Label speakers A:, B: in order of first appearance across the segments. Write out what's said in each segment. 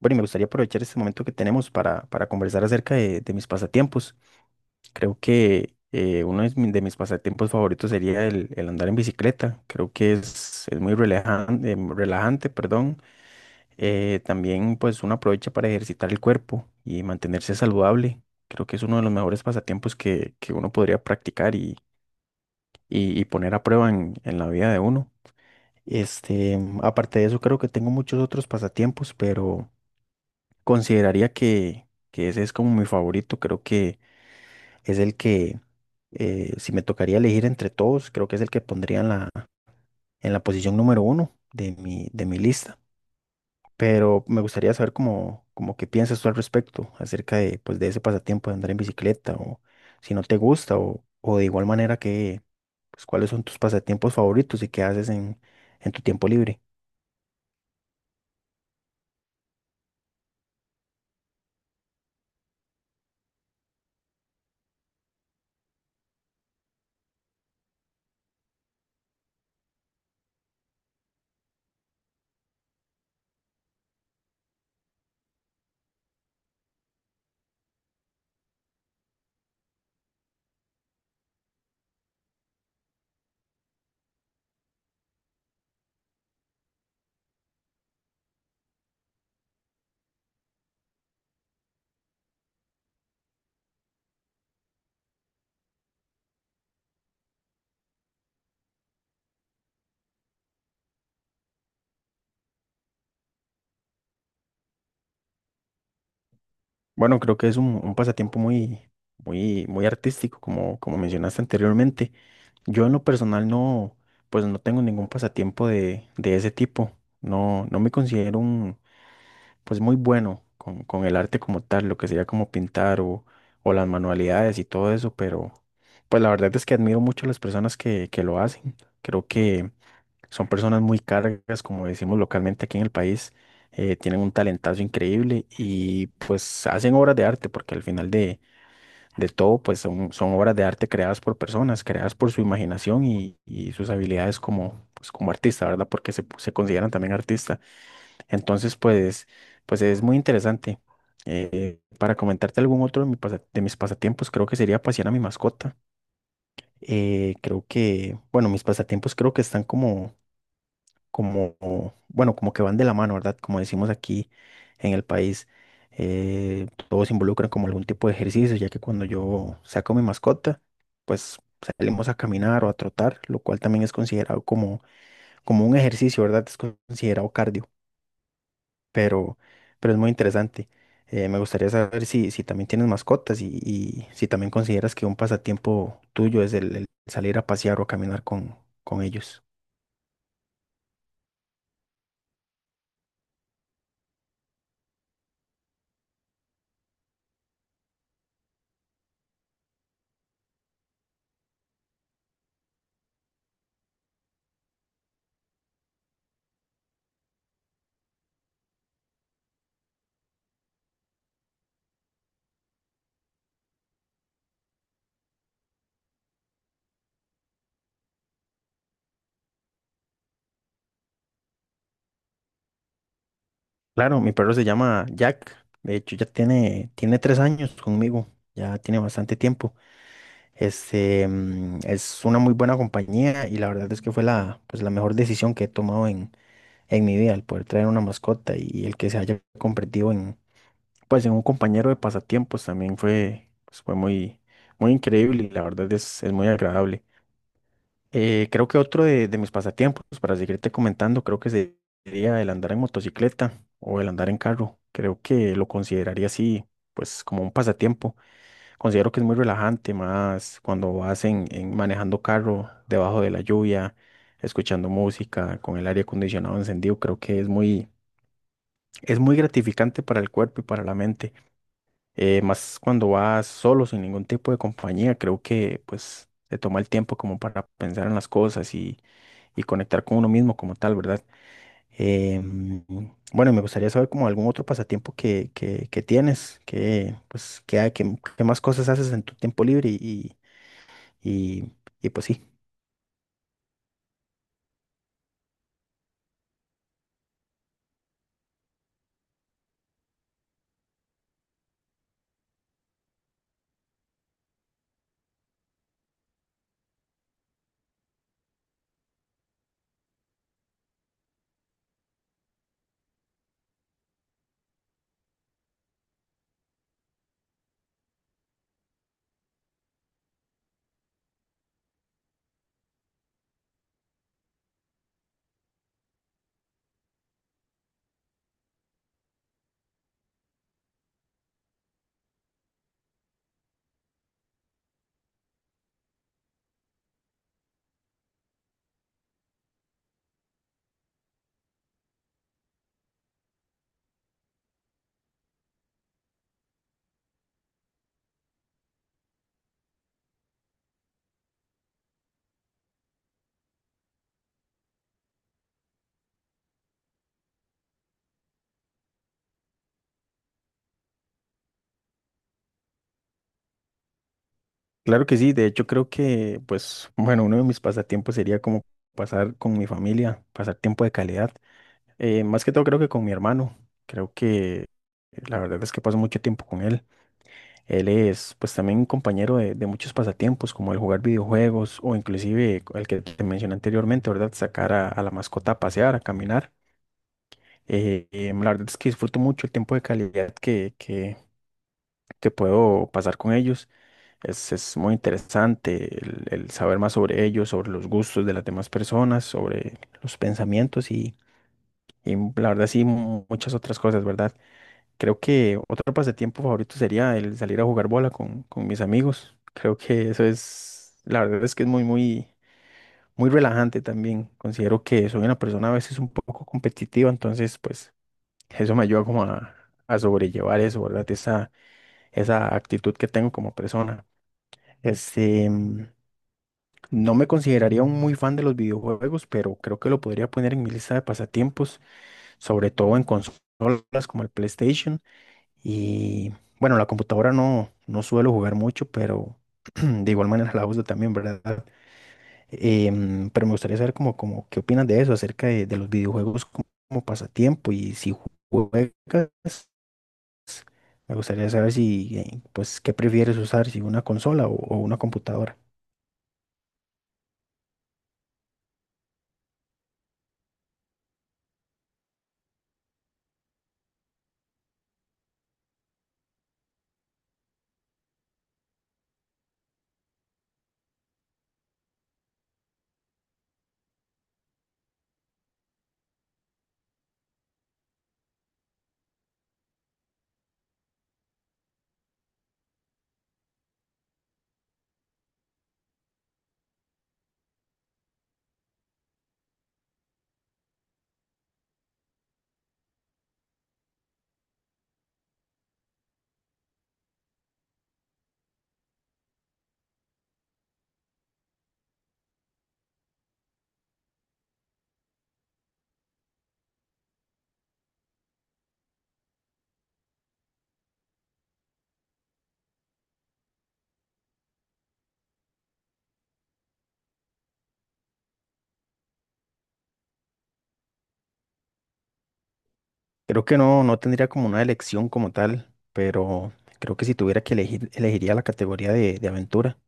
A: Bueno, y me gustaría aprovechar este momento que tenemos para conversar acerca de mis pasatiempos. Creo que uno de mis pasatiempos favoritos sería el andar en bicicleta. Creo que es muy relajante, relajante, perdón. También, pues, uno aprovecha para ejercitar el cuerpo y mantenerse saludable. Creo que es uno de los mejores pasatiempos que uno podría practicar y, y poner a prueba en la vida de uno. Este, aparte de eso, creo que tengo muchos otros pasatiempos, pero... Consideraría que ese es como mi favorito. Creo que es el que, si me tocaría elegir entre todos, creo que es el que pondría en la posición número uno de mi lista. Pero me gustaría saber cómo, como qué piensas tú al respecto, acerca de, pues, de ese pasatiempo de andar en bicicleta, o si no te gusta, o de igual manera que, pues, cuáles son tus pasatiempos favoritos y qué haces en tu tiempo libre. Bueno, creo que es un pasatiempo muy, muy, muy artístico, como, como mencionaste anteriormente. Yo en lo personal no, pues no tengo ningún pasatiempo de ese tipo. No, no me considero un, pues, muy bueno con el arte como tal, lo que sería como pintar o las manualidades y todo eso, pero pues la verdad es que admiro mucho a las personas que lo hacen. Creo que son personas muy cargas, como decimos localmente aquí en el país. Tienen un talentazo increíble y pues hacen obras de arte, porque al final de todo, pues son, son obras de arte creadas por personas, creadas por su imaginación y sus habilidades como, pues, como artista, ¿verdad? Porque se consideran también artistas. Entonces, pues, pues es muy interesante. Para comentarte algún otro de, de mis pasatiempos, creo que sería pasear a mi mascota. Creo que, bueno, mis pasatiempos creo que están como, bueno, como que van de la mano, ¿verdad? Como decimos aquí en el país, todos involucran como algún tipo de ejercicio, ya que cuando yo saco mi mascota, pues salimos a caminar o a trotar, lo cual también es considerado como, como un ejercicio, ¿verdad? Es considerado cardio, pero, pero es muy interesante. Me gustaría saber si, si también tienes mascotas y si también consideras que un pasatiempo tuyo es el salir a pasear o a caminar con ellos. Claro, mi perro se llama Jack. De hecho, ya tiene tres años conmigo. Ya tiene bastante tiempo. Este, mm, es una muy buena compañía y la verdad es que fue la, pues, la mejor decisión que he tomado en mi vida, el poder traer una mascota, y el que se haya convertido en, pues, en un compañero de pasatiempos también fue, pues, fue muy, muy increíble, y la verdad es muy agradable. Creo que otro de mis pasatiempos, para seguirte comentando, creo que sería el andar en motocicleta o el andar en carro. Creo que lo consideraría así, pues como un pasatiempo. Considero que es muy relajante, más cuando vas en manejando carro debajo de la lluvia, escuchando música, con el aire acondicionado encendido. Creo que es muy gratificante para el cuerpo y para la mente. Más cuando vas solo, sin ningún tipo de compañía, creo que pues te toma el tiempo como para pensar en las cosas y conectar con uno mismo como tal, ¿verdad? Eh, bueno, me gustaría saber como algún otro pasatiempo que tienes, que, pues, que más cosas haces en tu tiempo libre y, y pues sí. Claro que sí, de hecho creo que, pues, bueno, uno de mis pasatiempos sería como pasar con mi familia, pasar tiempo de calidad. Más que todo creo que con mi hermano. Creo que la verdad es que paso mucho tiempo con él. Él es, pues, también un compañero de muchos pasatiempos, como el jugar videojuegos, o inclusive el que te mencioné anteriormente, ¿verdad? Sacar a la mascota a pasear, a caminar. La verdad es que disfruto mucho el tiempo de calidad que puedo pasar con ellos. Es muy interesante el saber más sobre ellos, sobre los gustos de las demás personas, sobre los pensamientos y la verdad sí muchas otras cosas, ¿verdad? Creo que otro pasatiempo favorito sería el salir a jugar bola con mis amigos. Creo que eso es, la verdad es que es muy, muy, muy relajante también. Considero que soy una persona a veces un poco competitiva, entonces pues eso me ayuda como a sobrellevar eso, ¿verdad? Esa actitud que tengo como persona. Este, mm, no me consideraría un muy fan de los videojuegos, pero creo que lo podría poner en mi lista de pasatiempos, sobre todo en consolas como el PlayStation. Y bueno, la computadora no, no suelo jugar mucho, pero de igual manera la uso también, ¿verdad? Pero me gustaría saber como, como qué opinas de eso, acerca de los videojuegos como, como pasatiempo, y si juegas, me gustaría saber si, pues, qué prefieres usar, si una consola o una computadora. Creo que no, no tendría como una elección como tal, pero creo que si tuviera que elegir, elegiría la categoría de aventura.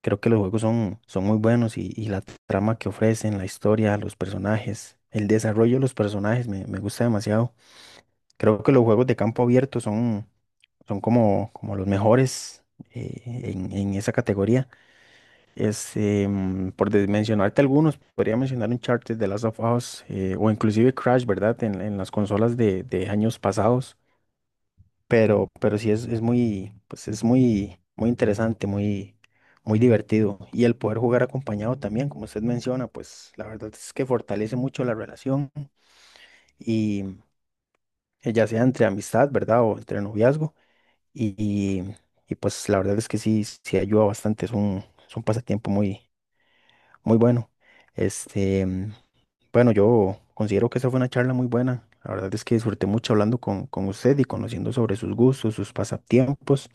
A: Creo que los juegos son, son muy buenos, y la trama que ofrecen, la historia, los personajes, el desarrollo de los personajes me, me gusta demasiado. Creo que los juegos de campo abierto son, son como, como los mejores en esa categoría. Por mencionarte algunos, podría mencionar Uncharted, The Last of Us, o inclusive Crash, ¿verdad? En las consolas de años pasados. Pero sí es muy, pues es muy, muy interesante, muy, muy divertido. Y el poder jugar acompañado también, como usted menciona, pues la verdad es que fortalece mucho la relación. Y ya sea entre amistad, ¿verdad? O entre noviazgo. Y, y, y, pues la verdad es que sí, sí ayuda bastante. Es un, es un pasatiempo muy, muy bueno. Este, bueno, yo considero que esa fue una charla muy buena. La verdad es que disfruté mucho hablando con usted, y conociendo sobre sus gustos, sus pasatiempos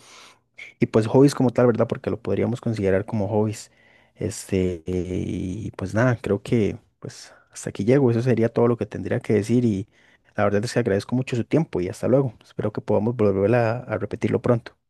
A: y, pues, hobbies como tal, ¿verdad? Porque lo podríamos considerar como hobbies. Este, y pues nada, creo que pues hasta aquí llego. Eso sería todo lo que tendría que decir, y la verdad es que agradezco mucho su tiempo, y hasta luego. Espero que podamos volver a repetirlo pronto.